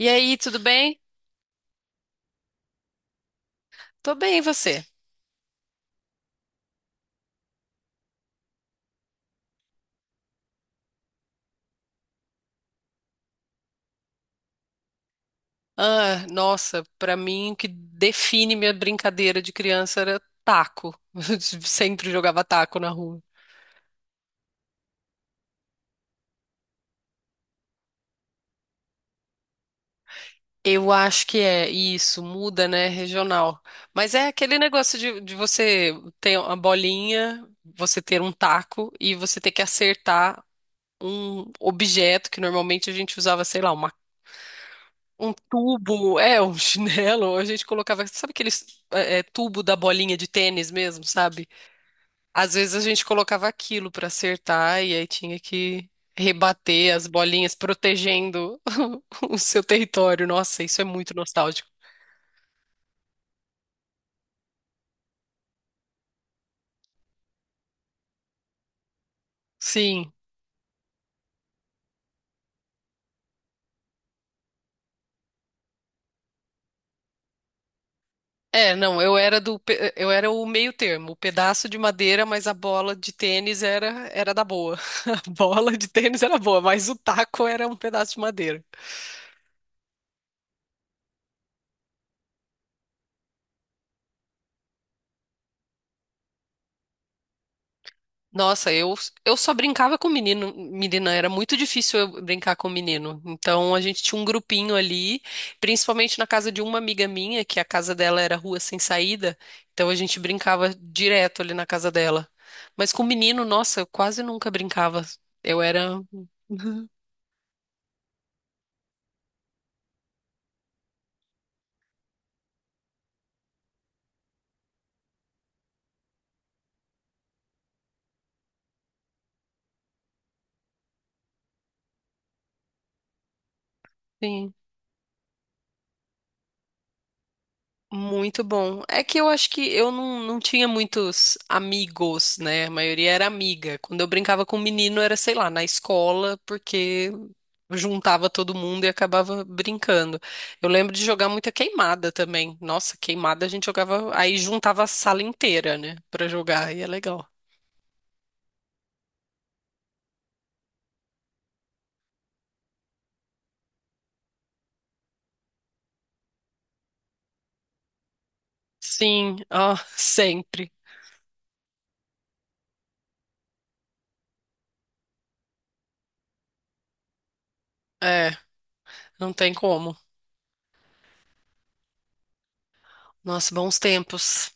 E aí, tudo bem? Tô bem, e você? Ah, nossa, pra mim o que define minha brincadeira de criança era taco. Eu sempre jogava taco na rua. Eu acho que é isso, muda, né, regional. Mas é aquele negócio de você ter uma bolinha, você ter um taco e você ter que acertar um objeto que normalmente a gente usava, sei lá, uma, um tubo, é, um chinelo, a gente colocava, sabe aquele tubo da bolinha de tênis mesmo, sabe? Às vezes a gente colocava aquilo para acertar e aí tinha que rebater as bolinhas protegendo o seu território. Nossa, isso é muito nostálgico. Sim. É, não, eu era o meio termo, o pedaço de madeira, mas a bola de tênis era era da boa. A bola de tênis era boa, mas o taco era um pedaço de madeira. Nossa, eu só brincava com menino, menina, era muito difícil eu brincar com menino. Então a gente tinha um grupinho ali, principalmente na casa de uma amiga minha, que a casa dela era rua sem saída, então a gente brincava direto ali na casa dela. Mas com menino, nossa, eu quase nunca brincava. Eu era. Sim. Muito bom. É que eu acho que eu não, não tinha muitos amigos, né? A maioria era amiga. Quando eu brincava com um menino era, sei lá, na escola, porque juntava todo mundo e acabava brincando. Eu lembro de jogar muita queimada também. Nossa, queimada a gente jogava, aí juntava a sala inteira, né, pra jogar, e é legal. Sim, ó, sempre. É, não tem como. Nossa, bons tempos.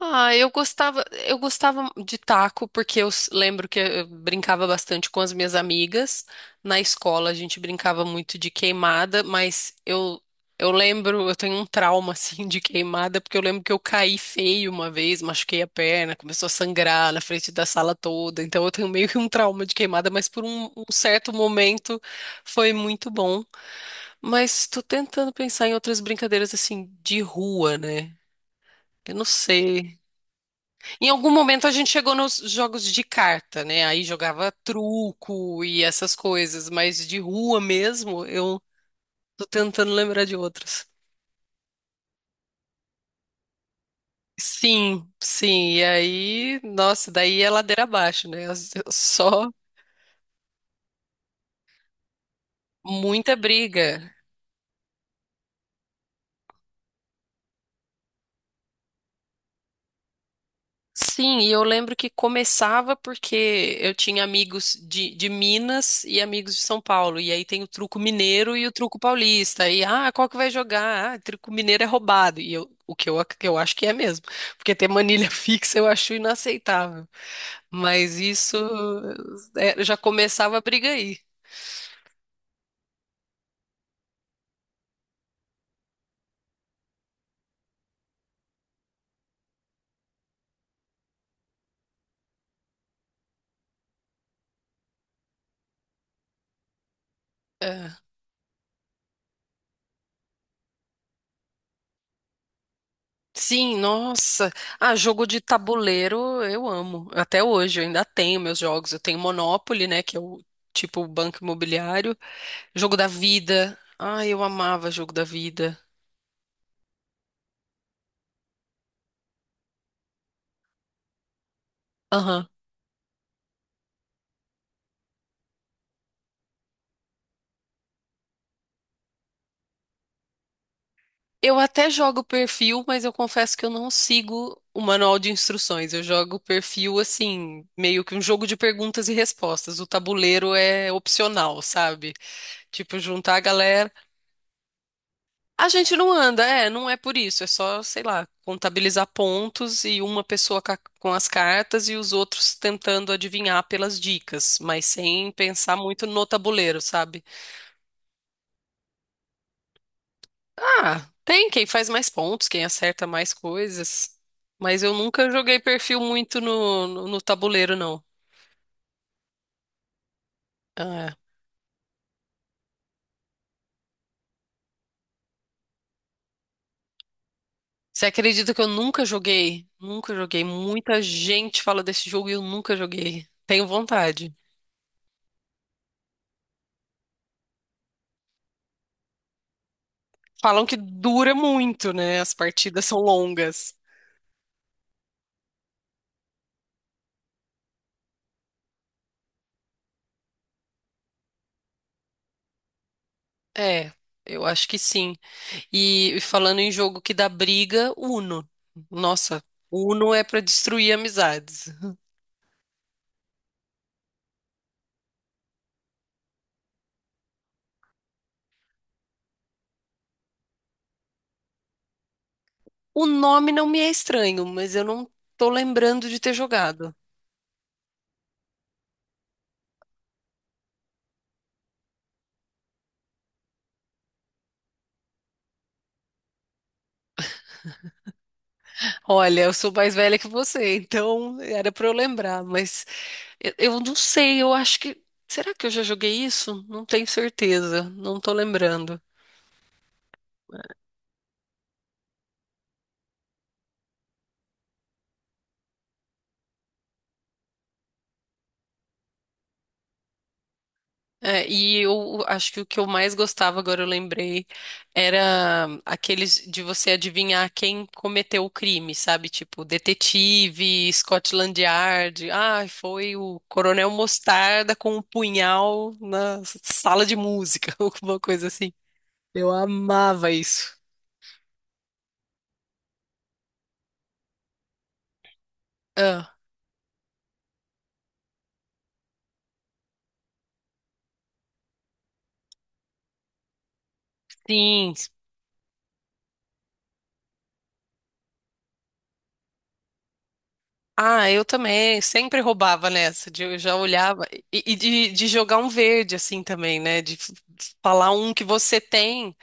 Ah, eu gostava de taco porque lembro que eu brincava bastante com as minhas amigas. Na escola a gente brincava muito de queimada, mas eu lembro, eu tenho um trauma assim de queimada porque eu lembro que eu caí feio uma vez, machuquei a perna, começou a sangrar na frente da sala toda. Então eu tenho meio que um trauma de queimada, mas por um certo momento foi muito bom. Mas estou tentando pensar em outras brincadeiras assim de rua, né? Eu não sei. Em algum momento a gente chegou nos jogos de carta, né? Aí jogava truco e essas coisas, mas de rua mesmo, eu tô tentando lembrar de outros. Sim, sim. E aí, nossa, daí é ladeira abaixo, né? Só muita briga. Sim, e eu lembro que começava porque eu tinha amigos de Minas e amigos de São Paulo. E aí tem o truco mineiro e o truco paulista. E ah, qual que vai jogar? Ah, truco mineiro é roubado. E eu, o que eu, ac- que eu acho que é mesmo. Porque ter manilha fixa eu acho inaceitável. Mas isso é, já começava a briga aí. É. Sim, nossa. Ah, jogo de tabuleiro eu amo. Até hoje, eu ainda tenho meus jogos. Eu tenho Monopoly, né? Que é o tipo banco imobiliário. Jogo da vida. Ah, eu amava jogo da vida. Aham. Eu até jogo perfil, mas eu confesso que eu não sigo o manual de instruções. Eu jogo perfil assim, meio que um jogo de perguntas e respostas. O tabuleiro é opcional, sabe? Tipo, juntar a galera. A gente não anda, é, não é por isso, é só, sei lá, contabilizar pontos e uma pessoa com as cartas e os outros tentando adivinhar pelas dicas, mas sem pensar muito no tabuleiro, sabe? Ah, tem quem faz mais pontos, quem acerta mais coisas, mas eu nunca joguei perfil muito no tabuleiro, não. Ah, é. Você acredita que eu nunca joguei? Nunca joguei. Muita gente fala desse jogo e eu nunca joguei. Tenho vontade. Falam que dura muito, né? As partidas são longas. É, eu acho que sim. E falando em jogo que dá briga, Uno. Nossa, Uno é pra destruir amizades. O nome não me é estranho, mas eu não tô lembrando de ter jogado. Olha, eu sou mais velha que você, então era pra eu lembrar, mas eu não sei, eu acho que. Será que eu já joguei isso? Não tenho certeza, não tô lembrando. É, e eu acho que o que eu mais gostava, agora eu lembrei, era aqueles de você adivinhar quem cometeu o crime, sabe? Tipo, detetive, Scotland Yard. Ah, foi o Coronel Mostarda com um punhal na sala de música, alguma coisa assim. Eu amava isso. Ah, sim. Ah, eu também. Sempre roubava nessa. Eu já olhava. E, de jogar um verde, assim também, né? Falar um que você tem.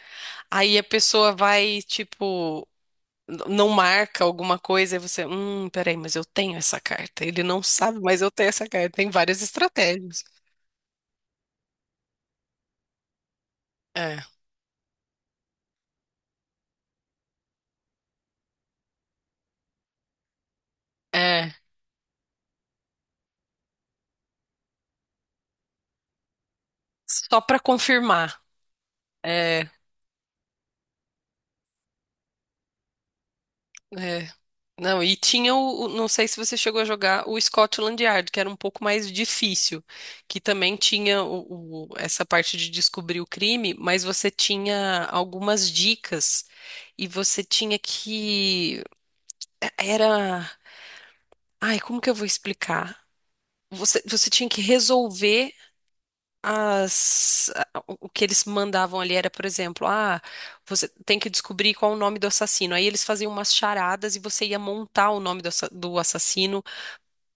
Aí a pessoa vai, tipo, não marca alguma coisa e você, peraí, mas eu tenho essa carta. Ele não sabe, mas eu tenho essa carta. Tem várias estratégias. É, é. Só pra confirmar. É, é. Não, e tinha não sei se você chegou a jogar o Scotland Yard, que era um pouco mais difícil, que também tinha essa parte de descobrir o crime, mas você tinha algumas dicas e você tinha que era. Ai, como que eu vou explicar? Você tinha que resolver o que eles mandavam ali era, por exemplo, ah, você tem que descobrir qual é o nome do assassino. Aí eles faziam umas charadas e você ia montar o nome do, do assassino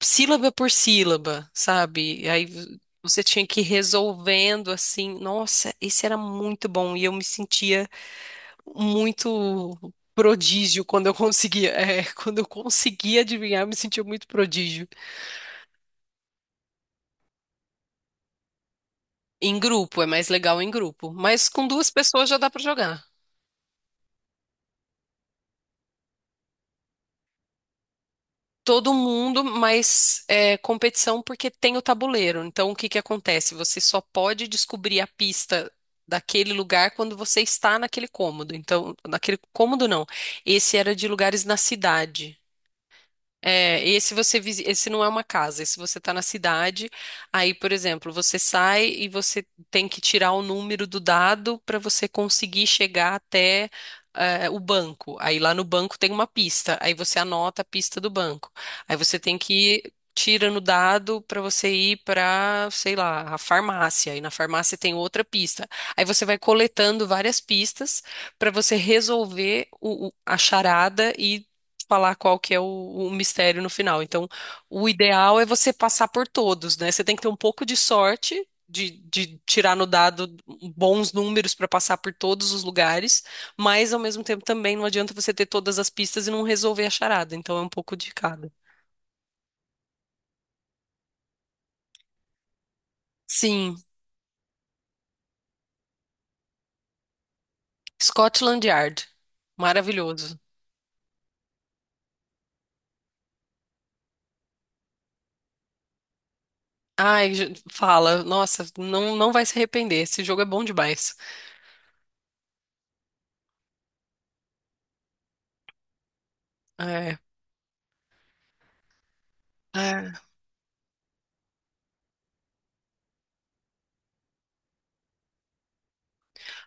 sílaba por sílaba, sabe? E aí você tinha que ir resolvendo assim. Nossa, esse era muito bom e eu me sentia muito prodígio quando eu conseguia, é, quando eu conseguia adivinhar, eu me sentia muito prodígio. Em grupo, é mais legal em grupo. Mas com duas pessoas já dá pra jogar. Todo mundo, mas é, competição porque tem o tabuleiro. Então, o que que acontece? Você só pode descobrir a pista daquele lugar quando você está naquele cômodo. Então, naquele cômodo não. Esse era de lugares na cidade. É, esse não é uma casa, esse você está na cidade, aí, por exemplo, você sai e você tem que tirar o número do dado para você conseguir chegar até eh, o banco. Aí lá no banco tem uma pista, aí você anota a pista do banco. Aí você tem que ir tira no dado para você ir para, sei lá, a farmácia, e na farmácia tem outra pista. Aí você vai coletando várias pistas para você resolver a charada falar qual que é o mistério no final. Então, o ideal é você passar por todos, né? Você tem que ter um pouco de sorte de tirar no dado bons números para passar por todos os lugares, mas ao mesmo tempo também não adianta você ter todas as pistas e não resolver a charada. Então, é um pouco de cada. Sim, Scotland Yard. Maravilhoso. Ai, fala. Nossa, não vai se arrepender. Esse jogo é bom demais. É. É.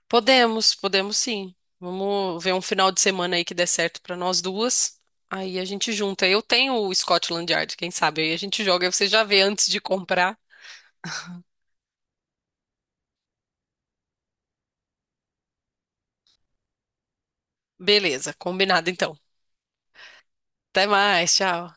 Podemos, podemos sim. Vamos ver um final de semana aí que dê certo pra nós duas. Aí a gente junta. Eu tenho o Scotland Yard, quem sabe? Aí a gente joga, aí você já vê antes de comprar. Beleza, combinado então. Até mais, tchau.